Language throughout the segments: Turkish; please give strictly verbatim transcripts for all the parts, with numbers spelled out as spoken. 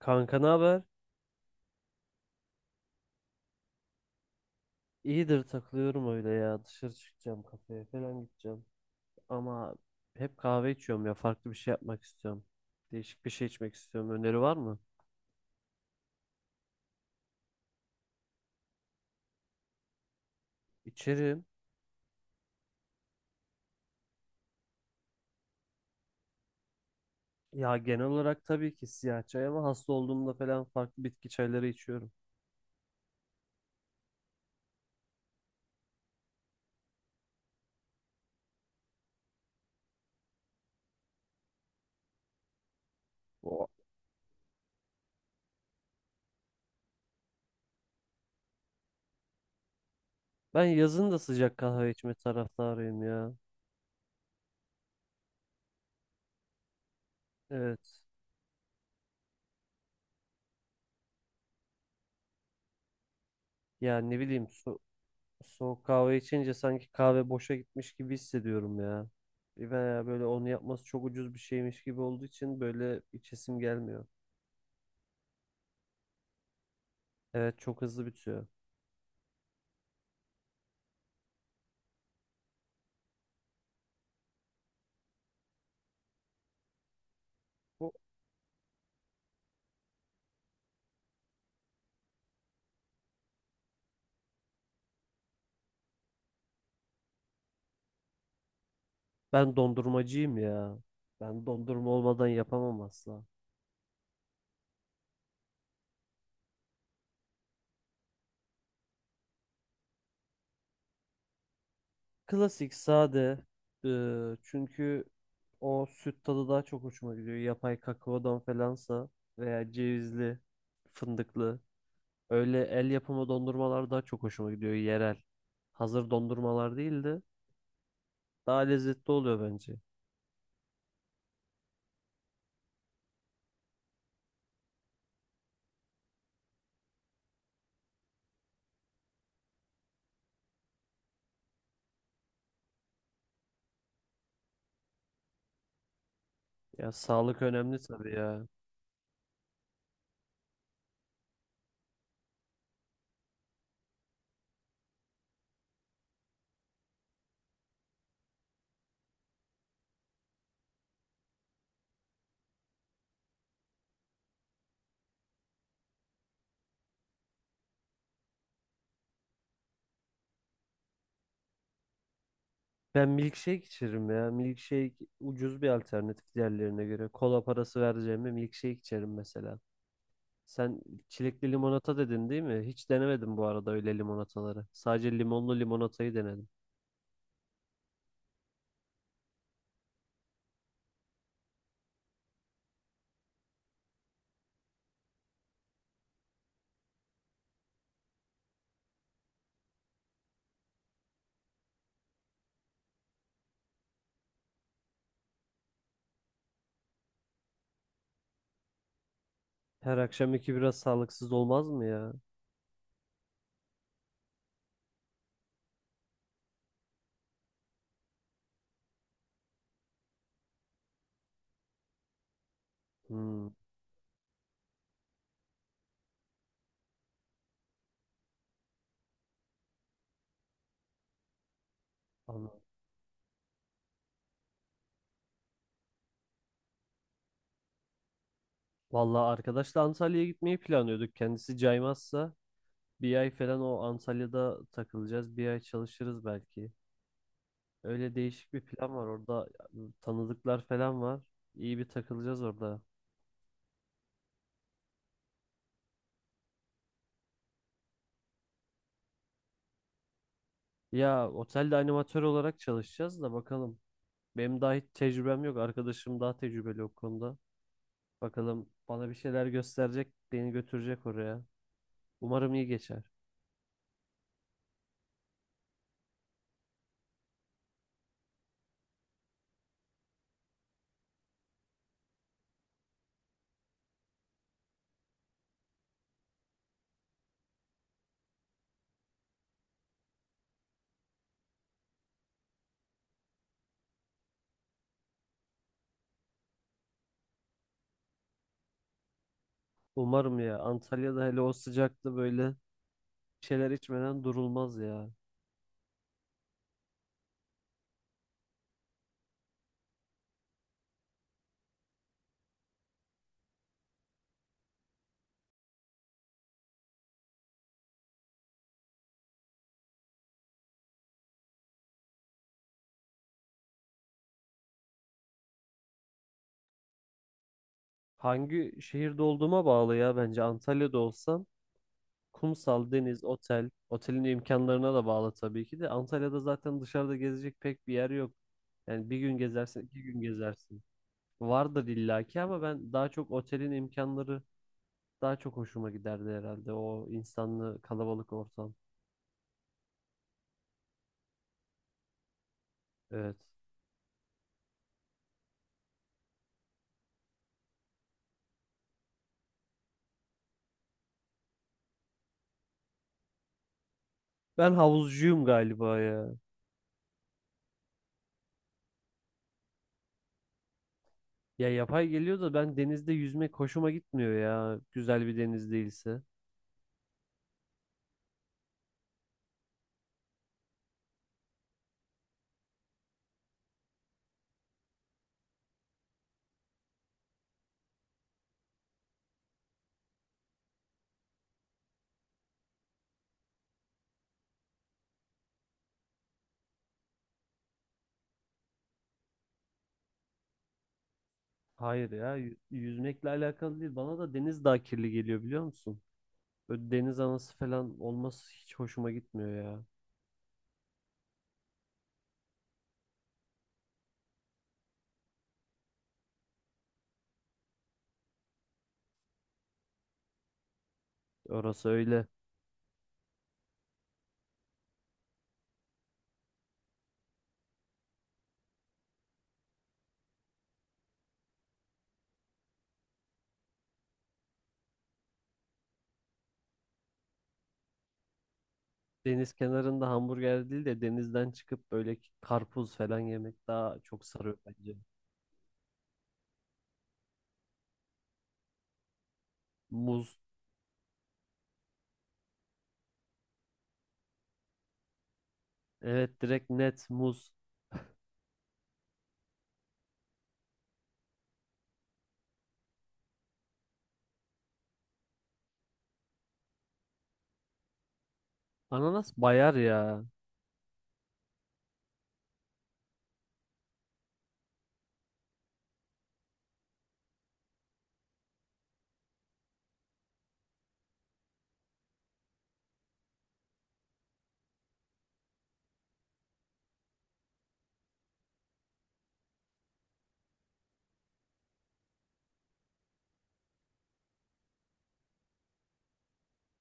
Kanka ne haber? İyidir takılıyorum öyle ya. Dışarı çıkacağım kafeye falan gideceğim. Ama hep kahve içiyorum ya. Farklı bir şey yapmak istiyorum. Değişik bir şey içmek istiyorum. Öneri var mı? İçerim. Ya genel olarak tabii ki siyah çay ama hasta olduğumda falan farklı bitki çayları içiyorum. O- Ben yazın da sıcak kahve içme taraftarıyım ya. Evet. Ya ne bileyim su- Soğuk kahve içince sanki kahve boşa gitmiş gibi hissediyorum ya. Veya böyle onu yapması çok ucuz bir şeymiş gibi olduğu için böyle içesim gelmiyor. Evet çok hızlı bitiyor. Bu- Ben dondurmacıyım ya. Ben dondurma olmadan yapamam asla. Klasik sade. e, Çünkü o süt tadı daha çok hoşuma gidiyor. Yapay kakaodan falansa veya cevizli, fındıklı. Öyle el yapımı dondurmalar daha çok hoşuma gidiyor yerel. Hazır dondurmalar değildi. Daha lezzetli oluyor bence. Ya sağlık önemli tabii ya. Ben milkshake içerim ya. Milkshake ucuz bir alternatif diğerlerine göre. Kola parası vereceğime milkshake içerim mesela. Sen çilekli limonata dedin değil mi? Hiç denemedim bu arada öyle limonataları. Sadece limonlu limonatayı denedim. Her akşam iki biraz sağlıksız olmaz mı ya? Hmm, anladım. Vallahi arkadaşla Antalya'ya gitmeyi planlıyorduk. Kendisi caymazsa bir ay falan o Antalya'da takılacağız. Bir ay çalışırız belki. Öyle değişik bir plan var orada, tanıdıklar falan var. İyi bir takılacağız orada. Ya otelde animatör olarak çalışacağız da bakalım. Benim daha hiç tecrübem yok. Arkadaşım daha tecrübeli o konuda. Bakalım bana bir şeyler gösterecek, beni götürecek oraya. Umarım iyi geçer. Umarım ya. Antalya'da hele o sıcakta böyle bir şeyler içmeden durulmaz ya. Hangi şehirde olduğuma bağlı ya bence. Antalya'da olsam kumsal, deniz, otel. Otelin imkanlarına da bağlı tabii ki de. Antalya'da zaten dışarıda gezecek pek bir yer yok. Yani bir gün gezersin, iki gün gezersin. Vardır illaki ama ben daha çok otelin imkanları daha çok hoşuma giderdi herhalde. O insanlı kalabalık ortam. Evet. Ben havuzcuyum galiba ya. Ya yapay geliyor da ben denizde yüzmek hoşuma gitmiyor ya. Güzel bir deniz değilse. Hayır ya, yü- yüzmekle alakalı değil. Bana da deniz daha kirli geliyor biliyor musun? Böyle deniz anası falan olması hiç hoşuma gitmiyor ya. Orası öyle. Deniz kenarında hamburger değil de denizden çıkıp böyle karpuz falan yemek daha çok sarıyor bence. Muz. Evet direkt net muz. Ananas bayar ya.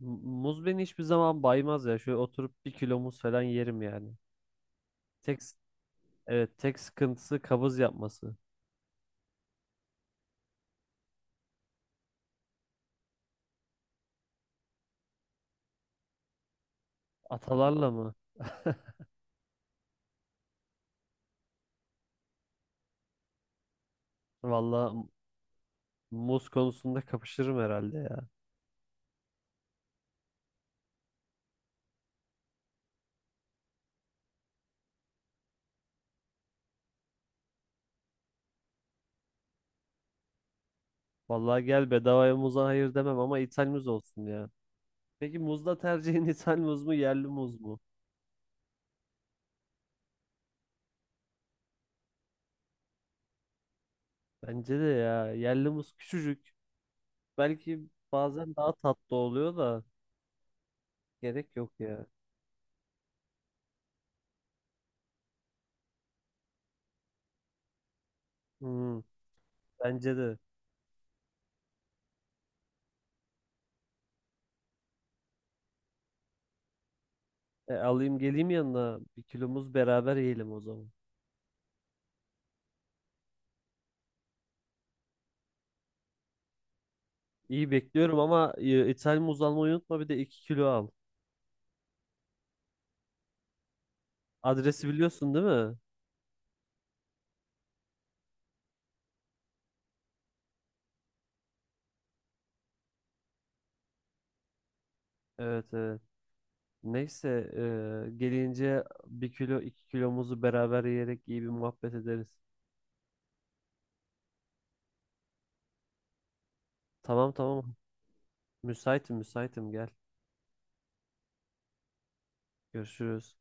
M- Muz beni hiçbir zaman baymaz ya. Şöyle oturup bir kilo muz falan yerim yani. Tek, s- evet tek sıkıntısı kabız yapması. Atalarla mı? Vallahi muz konusunda kapışırım herhalde ya. Vallahi gel bedavaya muza hayır demem ama ithal muz olsun ya. Peki muzda tercihin ithal muz mu yerli muz mu? Bence de ya yerli muz küçücük. Belki bazen daha tatlı oluyor da gerek yok ya. Hmm, bence de. E, alayım geleyim yanına bir kilo muz beraber yiyelim o zaman. İyi bekliyorum ama e, ithal muz almayı unutma bir de iki kilo al. Adresi biliyorsun değil mi? Evet evet. Neyse e, gelince bir kilo iki kilo muzu beraber yiyerek iyi bir muhabbet ederiz. Tamam tamam. Müsaitim müsaitim gel. Görüşürüz.